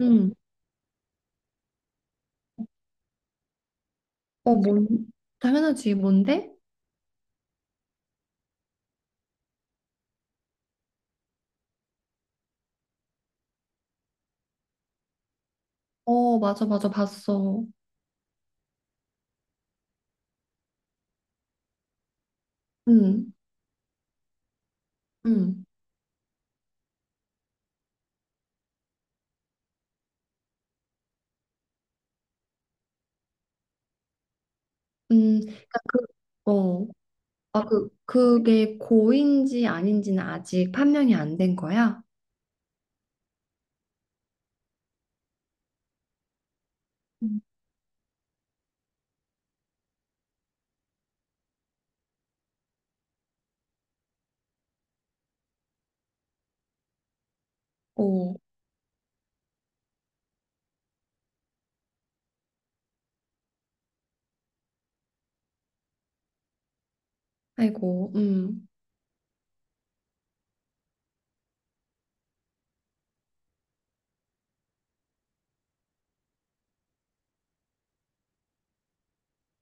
응. 어, 뭔? 당연하지. 뭔데? 어, 맞아, 맞아. 봤어. 응, 응, 응. 그러니까 어, 그게 고인지 아닌지는 아직 판명이 안 된 거야? 음. 오, 아이고, 응,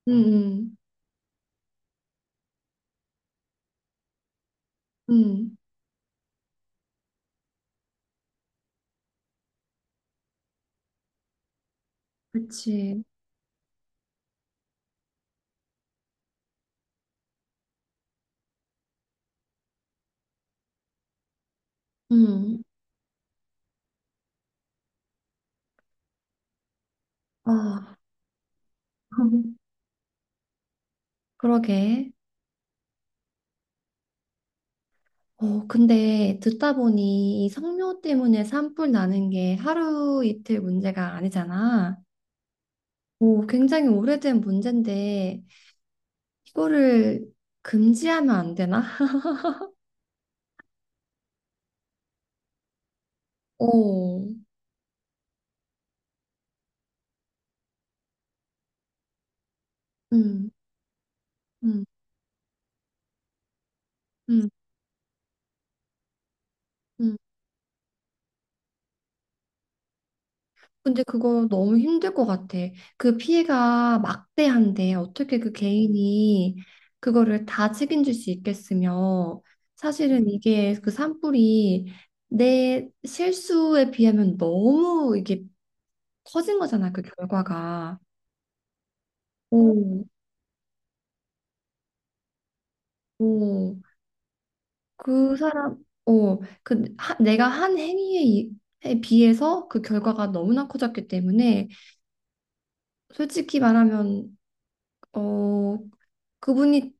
응, 응, 응. 그치, 응. 아, 그러게. 어, 근데 듣다 보니 이 성묘 때문에 산불 나는 게 하루 이틀 문제가 아니잖아. 오, 굉장히 오래된 문제인데 이거를 금지하면 안 되나? 오, 음, 음, 음, 음. 근데 그거 너무 힘들 것 같아. 그 피해가 막대한데 어떻게 그 개인이 그거를 다 책임질 수 있겠으며 사실은 이게 그 산불이 내 실수에 비하면 너무 이게 커진 거잖아, 그 결과가. 오, 오. 그 사람, 어, 그 하- 내가 한 행위에 에 비해서 그 결과가 너무나 커졌기 때문에 솔직히 말하면 어 그분이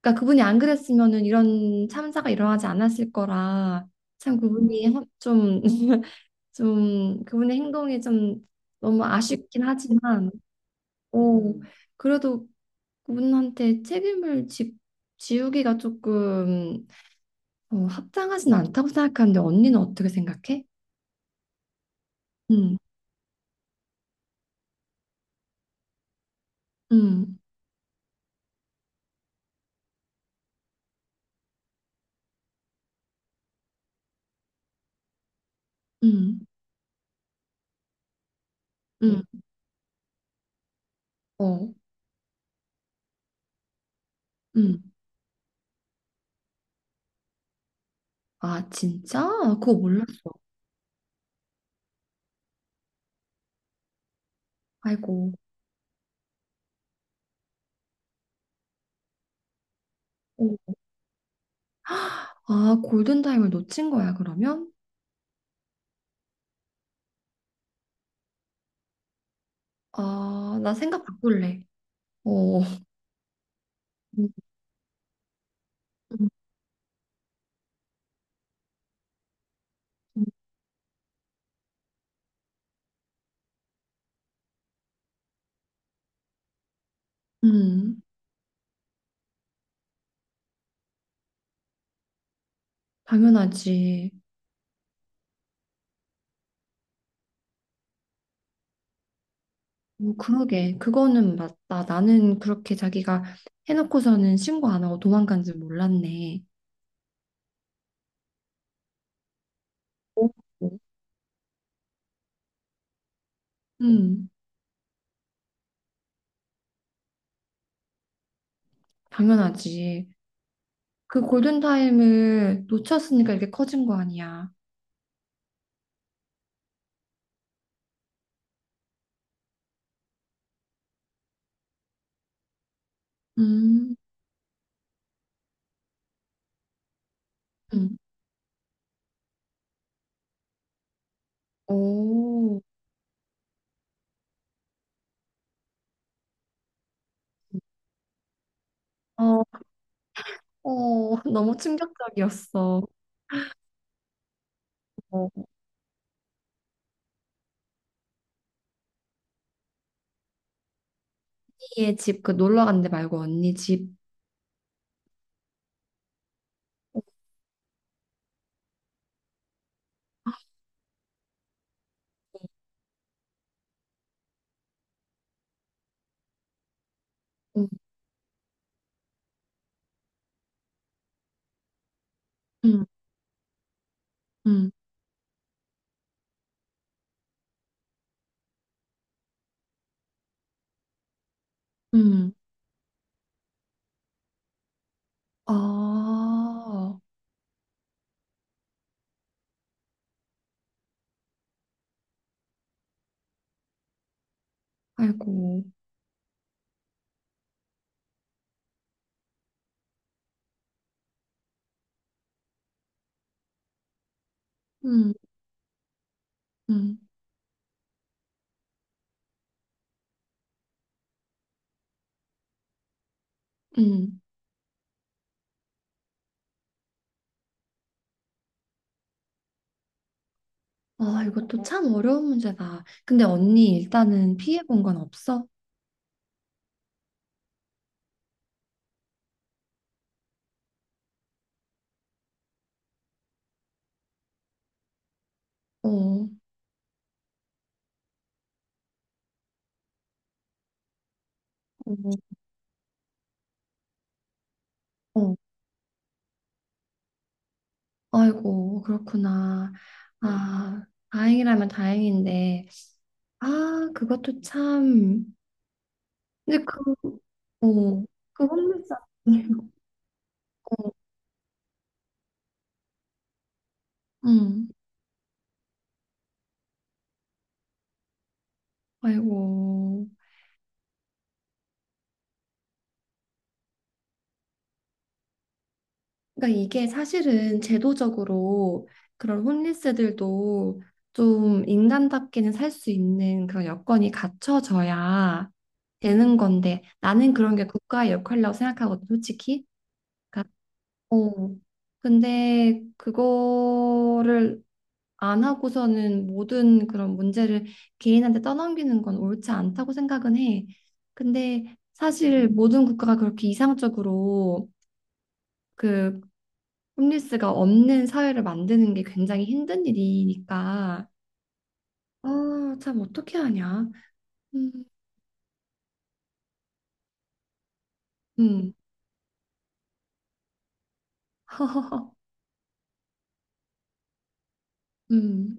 그러니까 그분이 안 그랬으면은 이런 참사가 일어나지 않았을 거라 좀 좀 그분의 행동이 좀 너무 아쉽긴 하지만 오 그래도 그분한테 책임을 지우기가 조금 합당하진 않다고 생각하는데 언니는 어떻게 생각해? 음. 응, 응, 응. 응, 어, 응. 아, 진짜? 그거 몰랐어. 아이고. 어. 아, 골든타임을 놓친 거야, 그러면? 아, 나 생각 바꿀래. 어, 음, 음, 음. 음, 당연하지. 뭐, 그러게. 그거는 맞다. 나는 그렇게 자기가 해놓고서는 신고 안 하고 도망간 줄 몰랐네. 오, 음, 당연하지. 그 골든타임을 놓쳤으니까 이렇게 커진 거 아니야. 음, 음. 오, 어, 어, 너무 충격적이었어. 어, 언니의 집 그 놀러 간데 말고 언니 집. 응, 응, 응, 응. 아, 아이고. 응, 응, 응. 아, 이것도 참 어려운 문제다. 근데 언니 일단은 피해 본 건 없어? 어, 음, 음. 아이고, 그렇구나. 아, 다행이라면 다행인데. 아, 그것도 참. 근데 그, 어, 그 홈리스 아니에요. 어, 음. 아이고. 그러니까 이게 사실은 제도적으로 그런 홈리스들도 좀 인간답게는 살 수 있는 그런 여건이 갖춰져야 되는 건데, 나는 그런 게 국가의 역할이라고 생각하거든, 솔직히. 그러니까, 어. 근데 그거를 안 하고서는 모든 그런 문제를 개인한테 떠넘기는 건 옳지 않다고 생각은 해. 근데 사실 모든 국가가 그렇게 이상적으로 그 홈리스가 없는 사회를 만드는 게 굉장히 힘든 일이니까. 아, 참 어떻게 하냐. 음, 음, 음,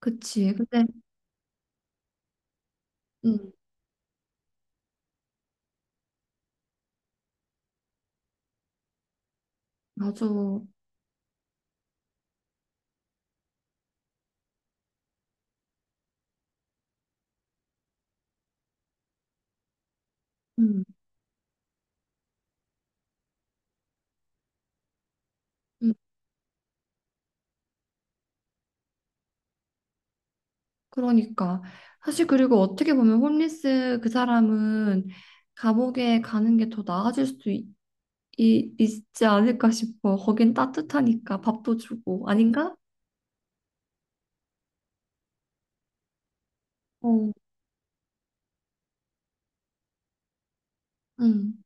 그치. 근데 음, 맞아. 음, 음, 그러니까 사실 그리고 어떻게 보면 홈리스 그 사람은 감옥에 가는 게 더 나아질 수도 있지 않을까 싶어. 거긴 따뜻하니까 밥도 주고. 아닌가? 어, 음,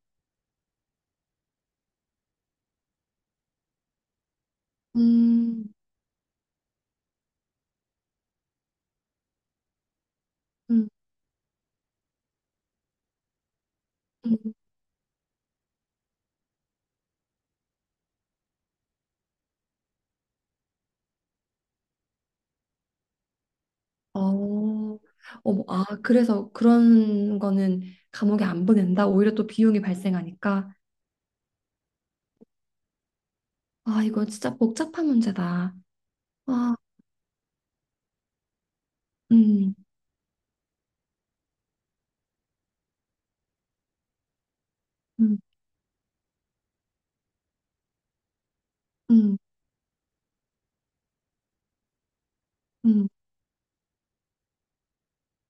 음, 음, 음. 어, 어머, 아, 그래서 그런 거는 감옥에 안 보낸다. 오히려 또 비용이 발생하니까. 아, 이거 진짜 복잡한 문제다. 아, 음. 음, 음, 음,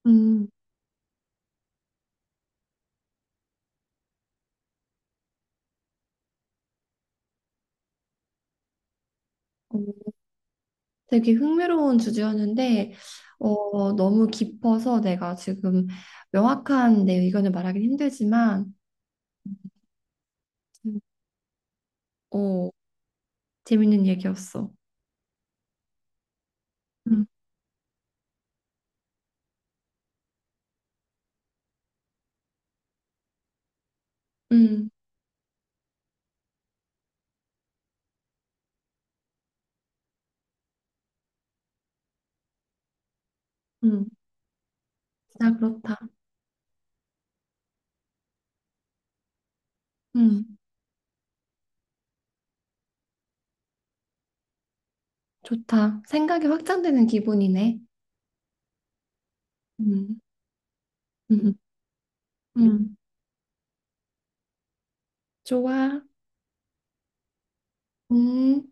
음. 어, 되게 흥미로운 주제였는데, 어, 너무 깊어서 내가 지금 명확한 내 의견을 말하긴 힘들지만, 음. 어, 재밌는 얘기였어. 음, 음, 음, 진짜 그렇다. 음, 좋다. 생각이 확장되는 기분이네. 음, 음, 음, 좋아. 음.